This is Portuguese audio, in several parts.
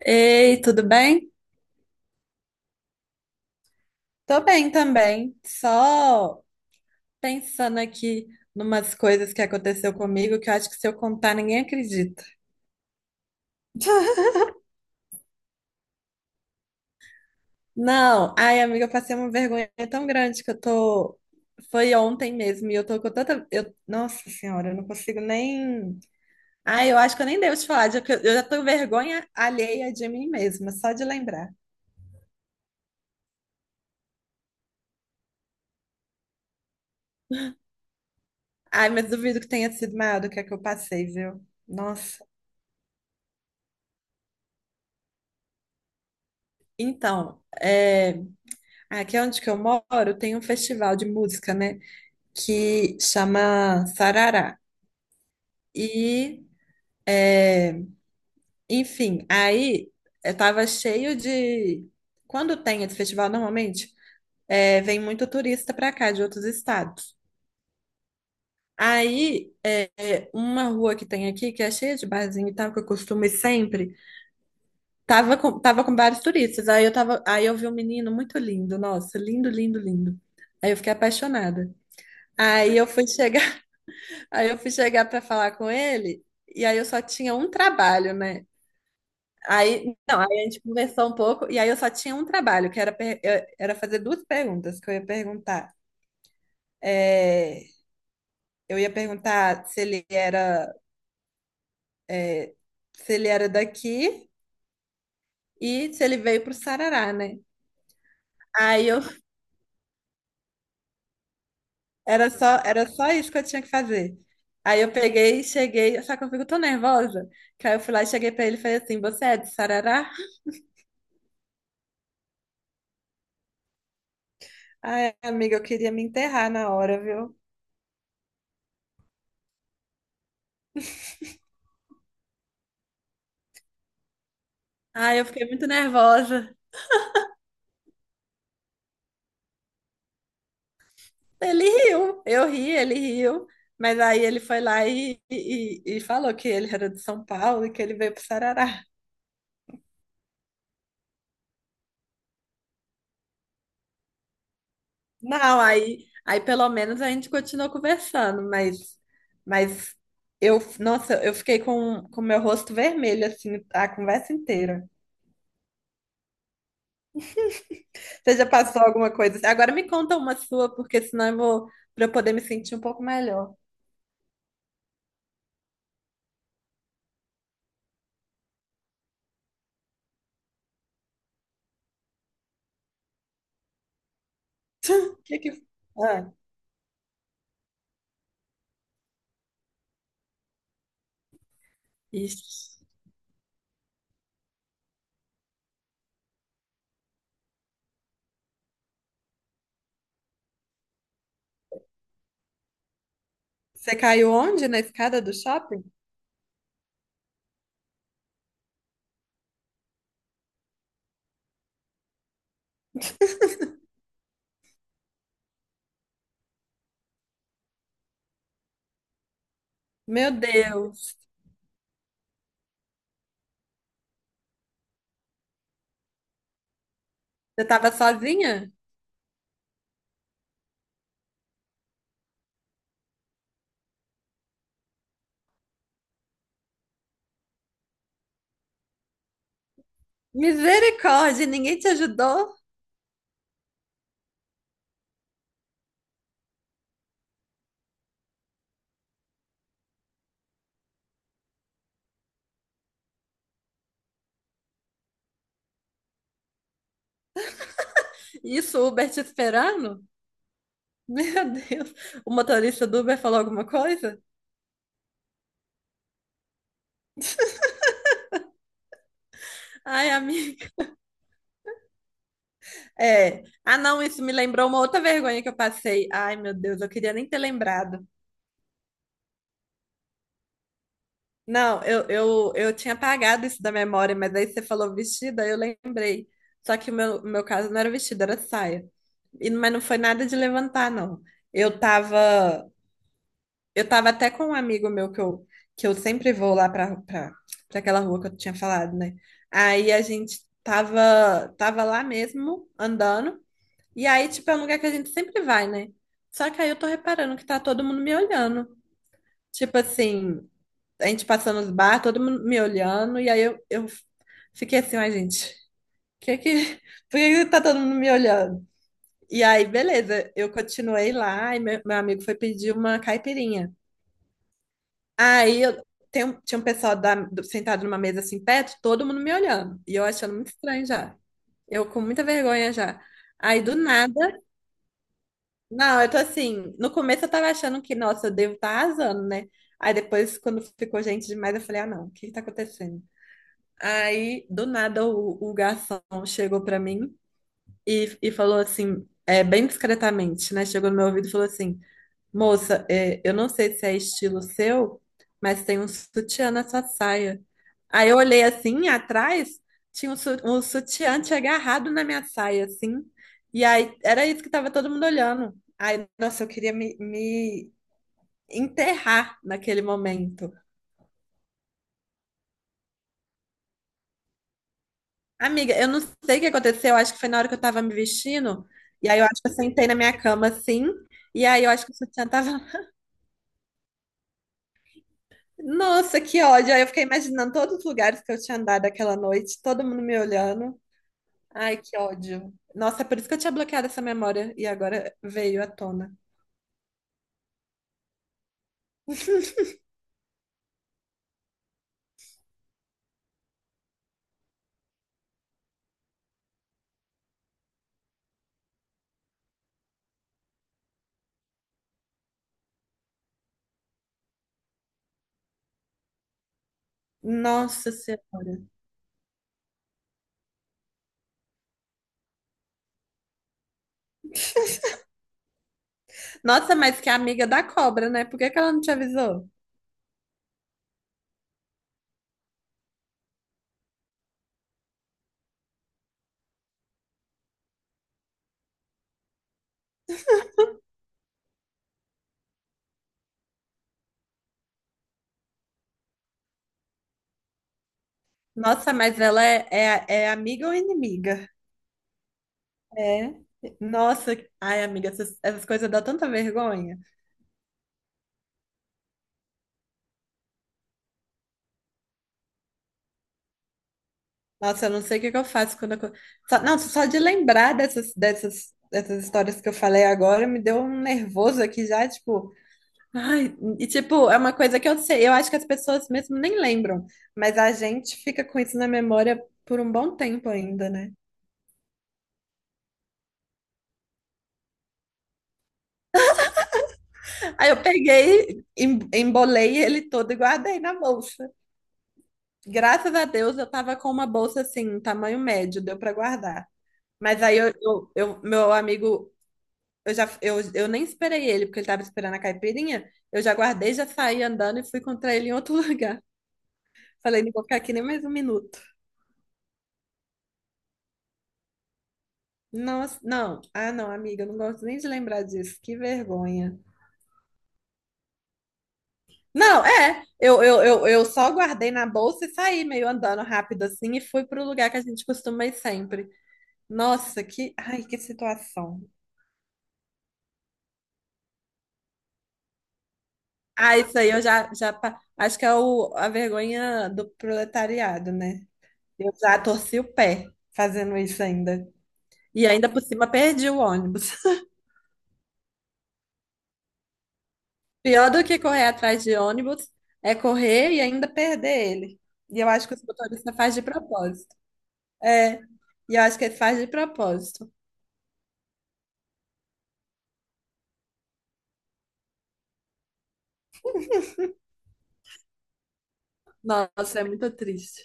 Ei, tudo bem? Tô bem também. Só pensando aqui numas coisas que aconteceu comigo que eu acho que se eu contar ninguém acredita. Não, ai, amiga, eu passei uma vergonha tão grande que eu tô. Foi ontem mesmo e eu tô com tanta. Eu... Nossa senhora, eu não consigo nem. Ai, eu acho que eu nem devo te falar, já que eu já tô com vergonha alheia de mim mesma, só de lembrar. Ai, mas duvido que tenha sido maior do que a que eu passei, viu? Nossa. Então, é. Aqui é onde que eu moro tem um festival de música, né? Que chama Sarará. E, enfim, aí tava cheio de. Quando tem esse festival, normalmente, vem muito turista pra cá, de outros estados. Aí, uma rua que tem aqui, que é cheia de barzinho e tal, que eu costumo ir sempre, tava com vários turistas. Aí eu vi um menino muito lindo, nossa, lindo, lindo, lindo. Aí eu fiquei apaixonada. Aí eu fui chegar. Aí eu fui chegar para falar com ele, e aí eu só tinha um trabalho, né? Aí, não, aí a gente conversou um pouco, e aí eu só tinha um trabalho, que era, era fazer duas perguntas que eu ia perguntar. É, eu ia perguntar se ele era, é, se ele era daqui e se ele veio para o Sarará, né? Aí eu era só isso que eu tinha que fazer. Aí eu peguei, cheguei, só que eu fico tão nervosa, que aí eu fui lá e cheguei para ele e falei assim: Você é de Sarará? Ai, amiga, eu queria me enterrar na hora, viu? Ai, eu fiquei muito nervosa. Ele riu, eu ri, ele riu. Mas aí ele foi lá e, e falou que ele era de São Paulo e que ele veio pro Sarará. Não, aí pelo menos a gente continuou conversando, mas eu, nossa, eu fiquei com meu rosto vermelho, assim, a conversa inteira. Você já passou alguma coisa? Assim? Agora me conta uma sua, porque senão eu vou, para eu poder me sentir um pouco melhor. O que que... Ah, ixi. Você caiu onde? Na escada do shopping? Meu Deus. Você estava sozinha? Misericórdia, ninguém te ajudou? Isso, o Uber te esperando? Meu Deus. O motorista do Uber falou alguma coisa? Ai, amiga. É. Ah, não, isso me lembrou uma outra vergonha que eu passei. Ai, meu Deus, eu queria nem ter lembrado. Não, eu tinha apagado isso da memória, mas aí você falou vestido, aí eu lembrei. Só que o meu caso não era vestido, era saia. E, mas não foi nada de levantar, não. Eu tava, eu tava até com um amigo meu que eu sempre vou lá pra aquela rua que eu tinha falado, né? Aí a gente tava, tava lá mesmo, andando. E aí, tipo, é um lugar que a gente sempre vai, né? Só que aí eu tô reparando que tá todo mundo me olhando. Tipo assim, a gente passando os bar, todo mundo me olhando, e aí eu fiquei assim, ai, gente, que que, por que que tá todo mundo me olhando? E aí, beleza, eu continuei lá, e meu amigo foi pedir uma caipirinha. Aí eu, tinha um pessoal sentado numa mesa assim perto, todo mundo me olhando, e eu achando muito estranho já. Eu com muita vergonha já. Aí do nada, não, eu tô assim, no começo eu tava achando que, nossa, eu devo estar tá arrasando, né? Aí depois, quando ficou gente demais, eu falei, ah, não, o que que tá acontecendo? Aí, do nada, o garçom chegou pra mim e, falou assim, é, bem discretamente, né? Chegou no meu ouvido e falou assim: Moça, é, eu não sei se é estilo seu, mas tem um sutiã na sua saia. Aí eu olhei assim, atrás, tinha um sutiã tinha agarrado na minha saia, assim. E aí, era isso que tava todo mundo olhando. Aí, nossa, eu queria me enterrar naquele momento. Amiga, eu não sei o que aconteceu, eu acho que foi na hora que eu tava me vestindo, e aí eu acho que eu sentei na minha cama assim, e aí eu acho que o sutiã tava. Nossa, que ódio! Aí eu fiquei imaginando todos os lugares que eu tinha andado aquela noite, todo mundo me olhando. Ai, que ódio. Nossa, é por isso que eu tinha bloqueado essa memória, e agora veio à tona. Nossa Senhora. Nossa, mas que é amiga da cobra, né? Por que que ela não te avisou? Nossa, mas ela é, é amiga ou inimiga? É. Nossa, ai, amiga, essas coisas dão tanta vergonha. Nossa, eu não sei o que que eu faço quando eu... Só, não, só de lembrar dessas histórias que eu falei agora me deu um nervoso aqui já, tipo... Ai, e tipo, é uma coisa que eu sei, eu acho que as pessoas mesmo nem lembram, mas a gente fica com isso na memória por um bom tempo ainda, né? Aí eu peguei, embolei ele todo e guardei na bolsa. Graças a Deus eu tava com uma bolsa assim, tamanho médio, deu pra guardar. Mas aí meu amigo. Eu já, eu nem esperei ele, porque ele tava esperando a caipirinha. Eu já guardei, já saí andando e fui encontrar ele em outro lugar. Falei, não vou ficar aqui nem mais um minuto. Nossa, não. Ah, não, amiga, eu não gosto nem de lembrar disso. Que vergonha. Não, é. Eu só guardei na bolsa e saí meio andando rápido assim e fui pro lugar que a gente costuma ir sempre. Nossa, que. Ai, que situação. Ah, isso aí eu já. Acho que é a vergonha do proletariado, né? Eu já torci o pé fazendo isso ainda. E ainda por cima perdi o ônibus. Pior do que correr atrás de ônibus é correr e ainda perder ele. E eu acho que os motoristas faz de propósito. É, e eu acho que ele faz de propósito. Nossa, é muito triste.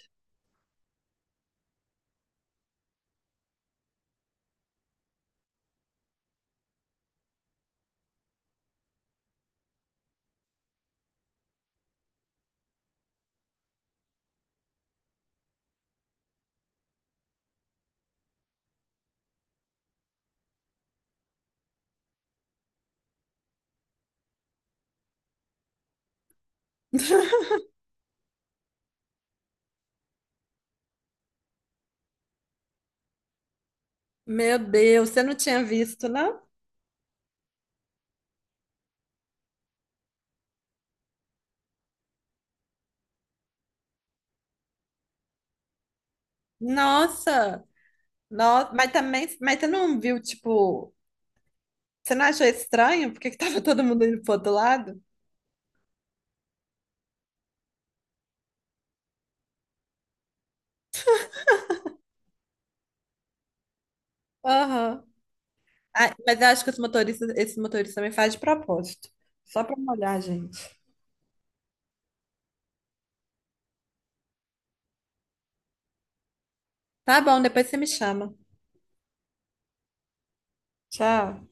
Meu Deus, você não tinha visto, não? Nossa, nossa, mas também, mas você não viu, tipo, você não achou estranho? Porque que tava todo mundo indo pro outro lado? Aham. Ah, mas eu acho que esses motoristas também fazem de propósito. Só pra molhar, a gente. Tá bom, depois você me chama. Tchau.